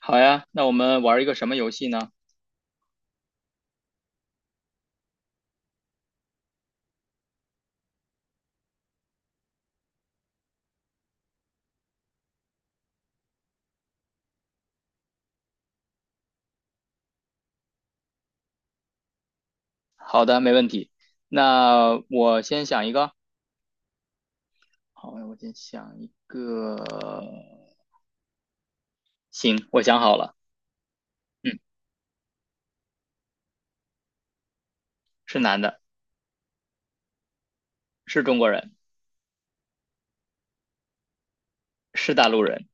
好呀，那我们玩一个什么游戏呢？好的，没问题。那我先想一个。好，我先想一个。行，我想好了。嗯，是男的，是中国人，是大陆人。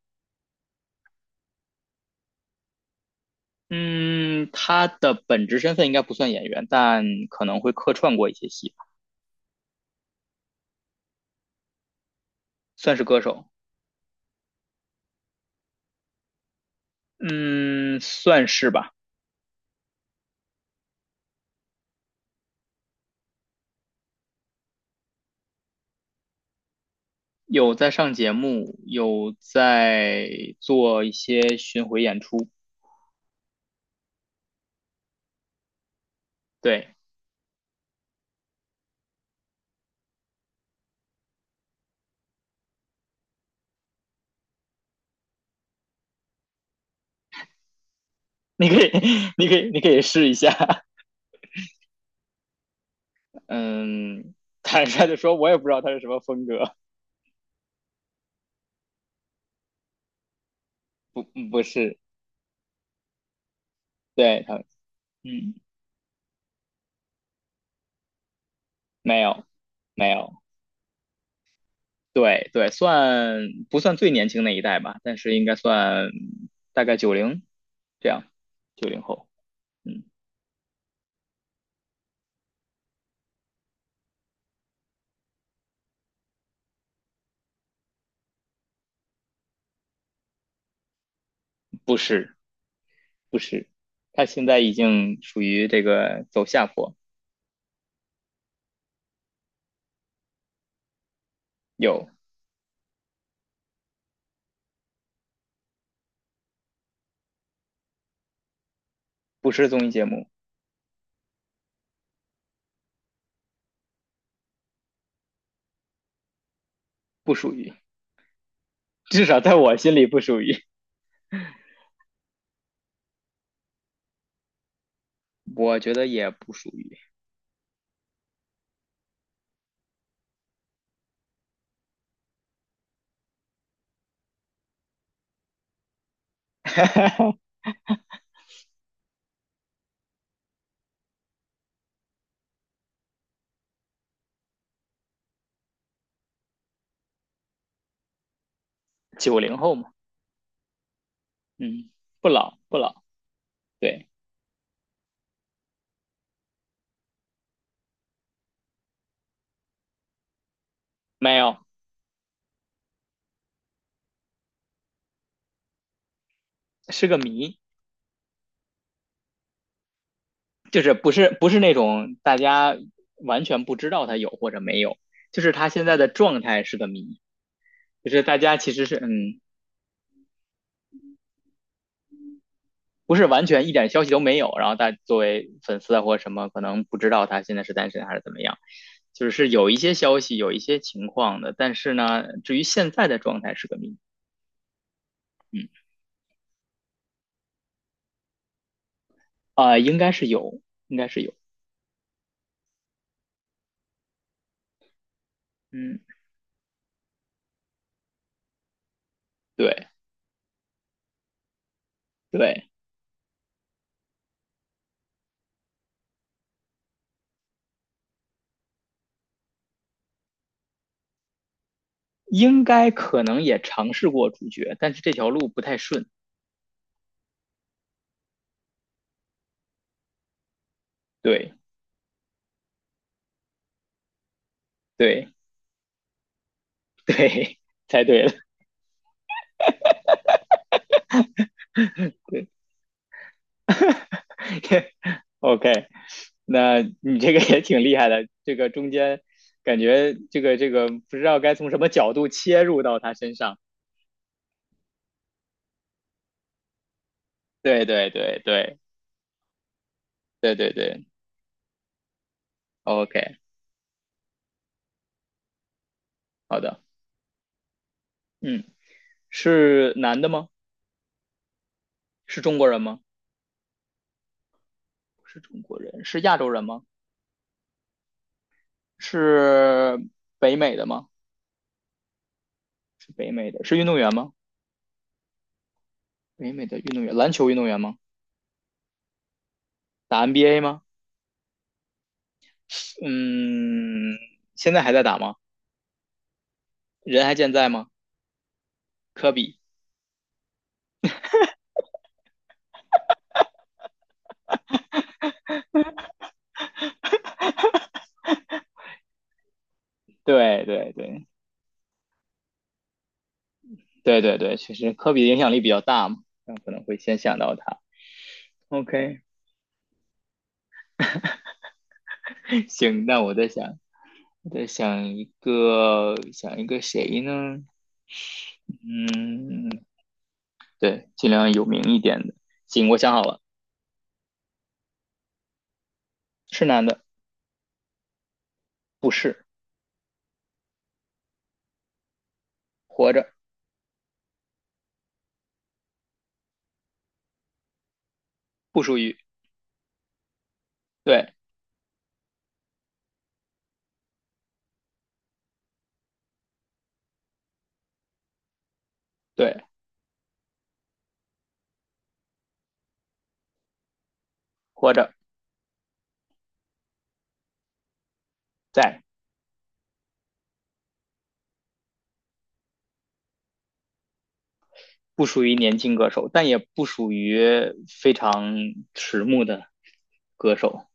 嗯，他的本职身份应该不算演员，但可能会客串过一些戏吧，算是歌手。嗯，算是吧。有在上节目，有在做一些巡回演出。对，你可以，你可以，你可以试一下。嗯，坦率的说，我也不知道他是什么风格，不不是，对他，嗯，没有没有，对对，算不算最年轻那一代吧？但是应该算大概九零这样，九零后，嗯，不是不是，他现在已经属于这个走下坡，有不是综艺节目，不属于，至少在我心里不属于，我觉得也不属于九零后嘛，嗯，不老不老，对，没有。是个谜，就是不是那种大家完全不知道他有或者没有，就是他现在的状态是个谜，就是大家其实是嗯不是完全一点消息都没有，然后大作为粉丝啊或者什么可能不知道他现在是单身还是怎么样，就是有一些消息有一些情况的，但是呢，至于现在的状态是个谜，嗯啊、呃应该是有，应该是有，嗯对对，应该可能也尝试过主角，但是这条路不太顺，对对。对，猜对了，对 ，OK，那你这个也挺厉害的，这个中间感觉这个这个不知道该从什么角度切入到他身上。对对对对对对对，OK，好的，嗯，是男的吗？是中国人吗？不是中国人，是亚洲人吗？是北美的吗？是北美的，是运动员吗？北美的运动员，篮球运动员吗？打 NBA 吗？嗯，现在还在打吗？人还健在吗？科比，对对对对对对，确实科比的影响力比较大嘛，那可能会先想到他。OK，行，那我在想，我在想一个，想一个谁呢？嗯，对，尽量有名一点的。行，我想好了，是男的，不是，活着，不属于，对对，活着，在。不属于年轻歌手，但也不属于非常迟暮的歌手，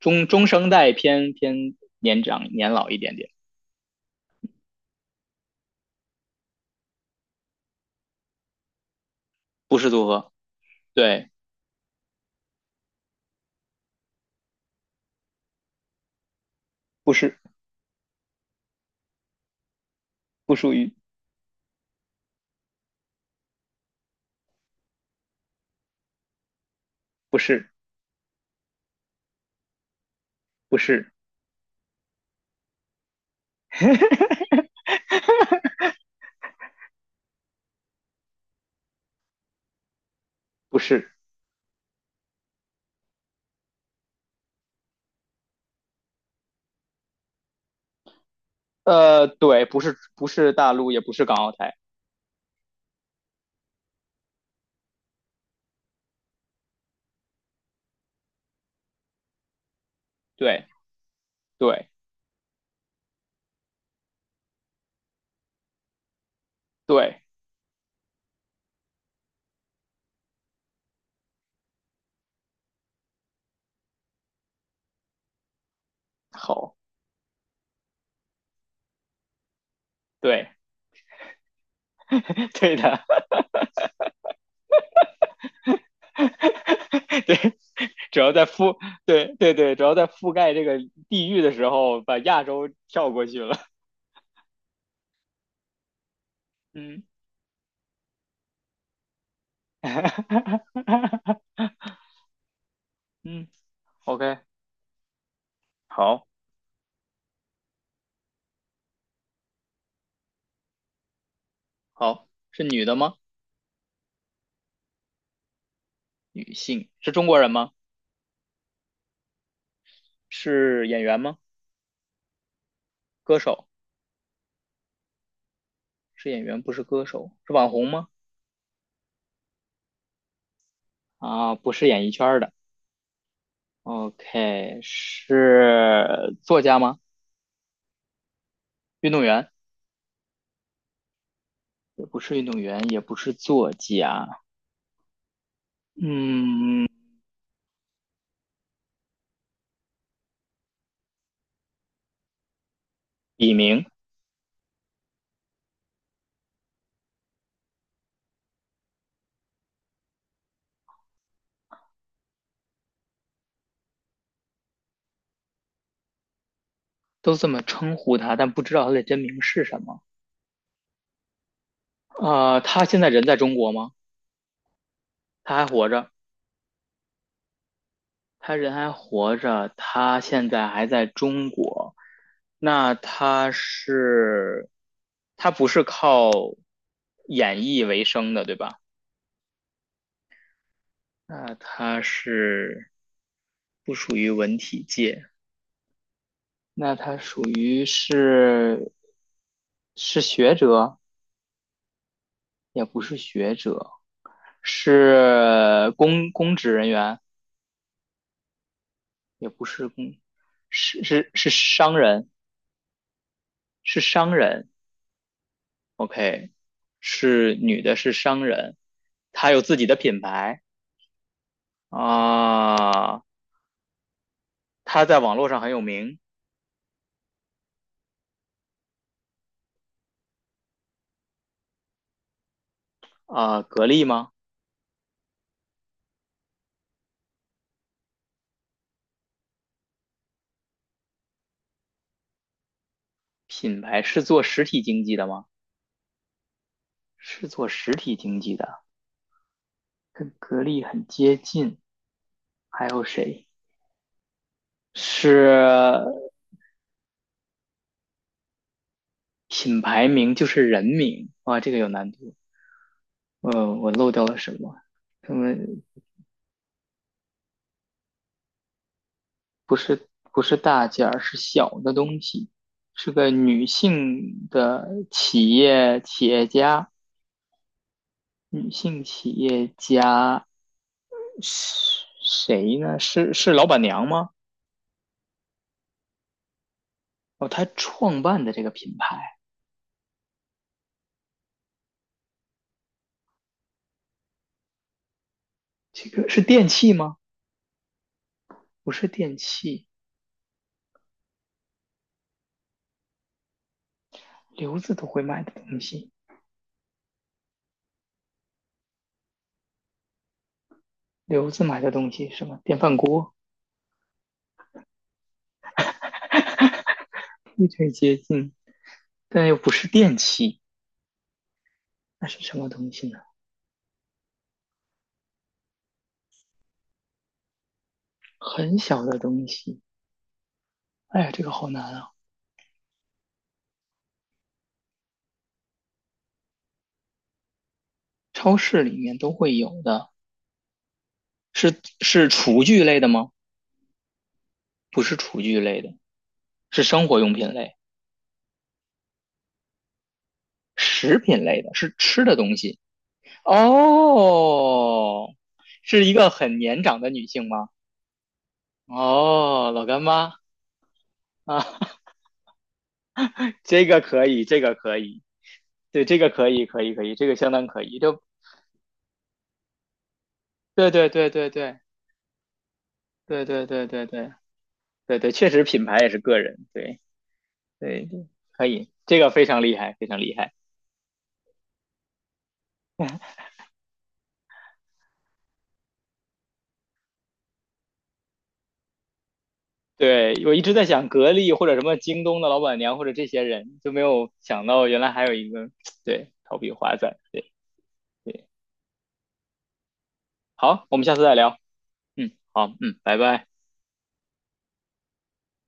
中生代偏偏年长年老一点点，不是组合，对，不是不属于，不是不是不是，呃，对，不是不是大陆，也不是港澳台，对对对，好，对 对的，对，主要在覆对对对，主要在覆盖这个地域的时候，把亚洲跳过去了。嗯，哈哈哈，嗯，OK，好，好，是女的吗？女性，是中国人吗？是演员吗？歌手，是演员，不是歌手，是网红吗？啊，不是演艺圈儿的。OK，是作家吗？运动员，也不是运动员，也不是作家。嗯，笔名都这么称呼他，但不知道他的真名是什么。啊，他现在人在中国吗？他还活着？他人还活着，他现在还在中国。那他是，他不是靠演艺为生的，对吧？那他是不属于文体界，那他属于是是学者，也不是学者，是公职人员，也不是公，是是是商人，是商人。OK，是女的，是商人，她有自己的品牌啊，她在网络上很有名啊。格力吗？品牌是做实体经济的吗？是做实体经济的，跟格力很接近。还有谁是品牌名就是人名？哇，这个有难度。呃，我漏掉了什么？什么？不是不是大件儿，是小的东西，是个女性的企业家，女性企业家是谁呢？是老板娘吗？哦，她创办的这个品牌，这个是电器吗？不是电器，刘子都会买的东西，刘子买的东西是什么？电饭锅，非常接近，但又不是电器，那是什么东西呢？很小的东西，哎呀，这个好难啊。超市里面都会有的，是厨具类的吗？不是厨具类的，是生活用品类、食品类的，是吃的东西。哦，是一个很年长的女性吗？哦，老干妈啊，这个可以，这个可以，对，这个可以，可以，可以，这个相当可以。就对对对对对对对对对对对对，确实品牌也是个人，对对对，可以，这个非常厉害，非常厉害。对，我一直在想格力或者什么京东的老板娘或者这些人，就没有想到原来还有一个对逃避华仔。对对，好，我们下次再聊。嗯，好，嗯，拜拜。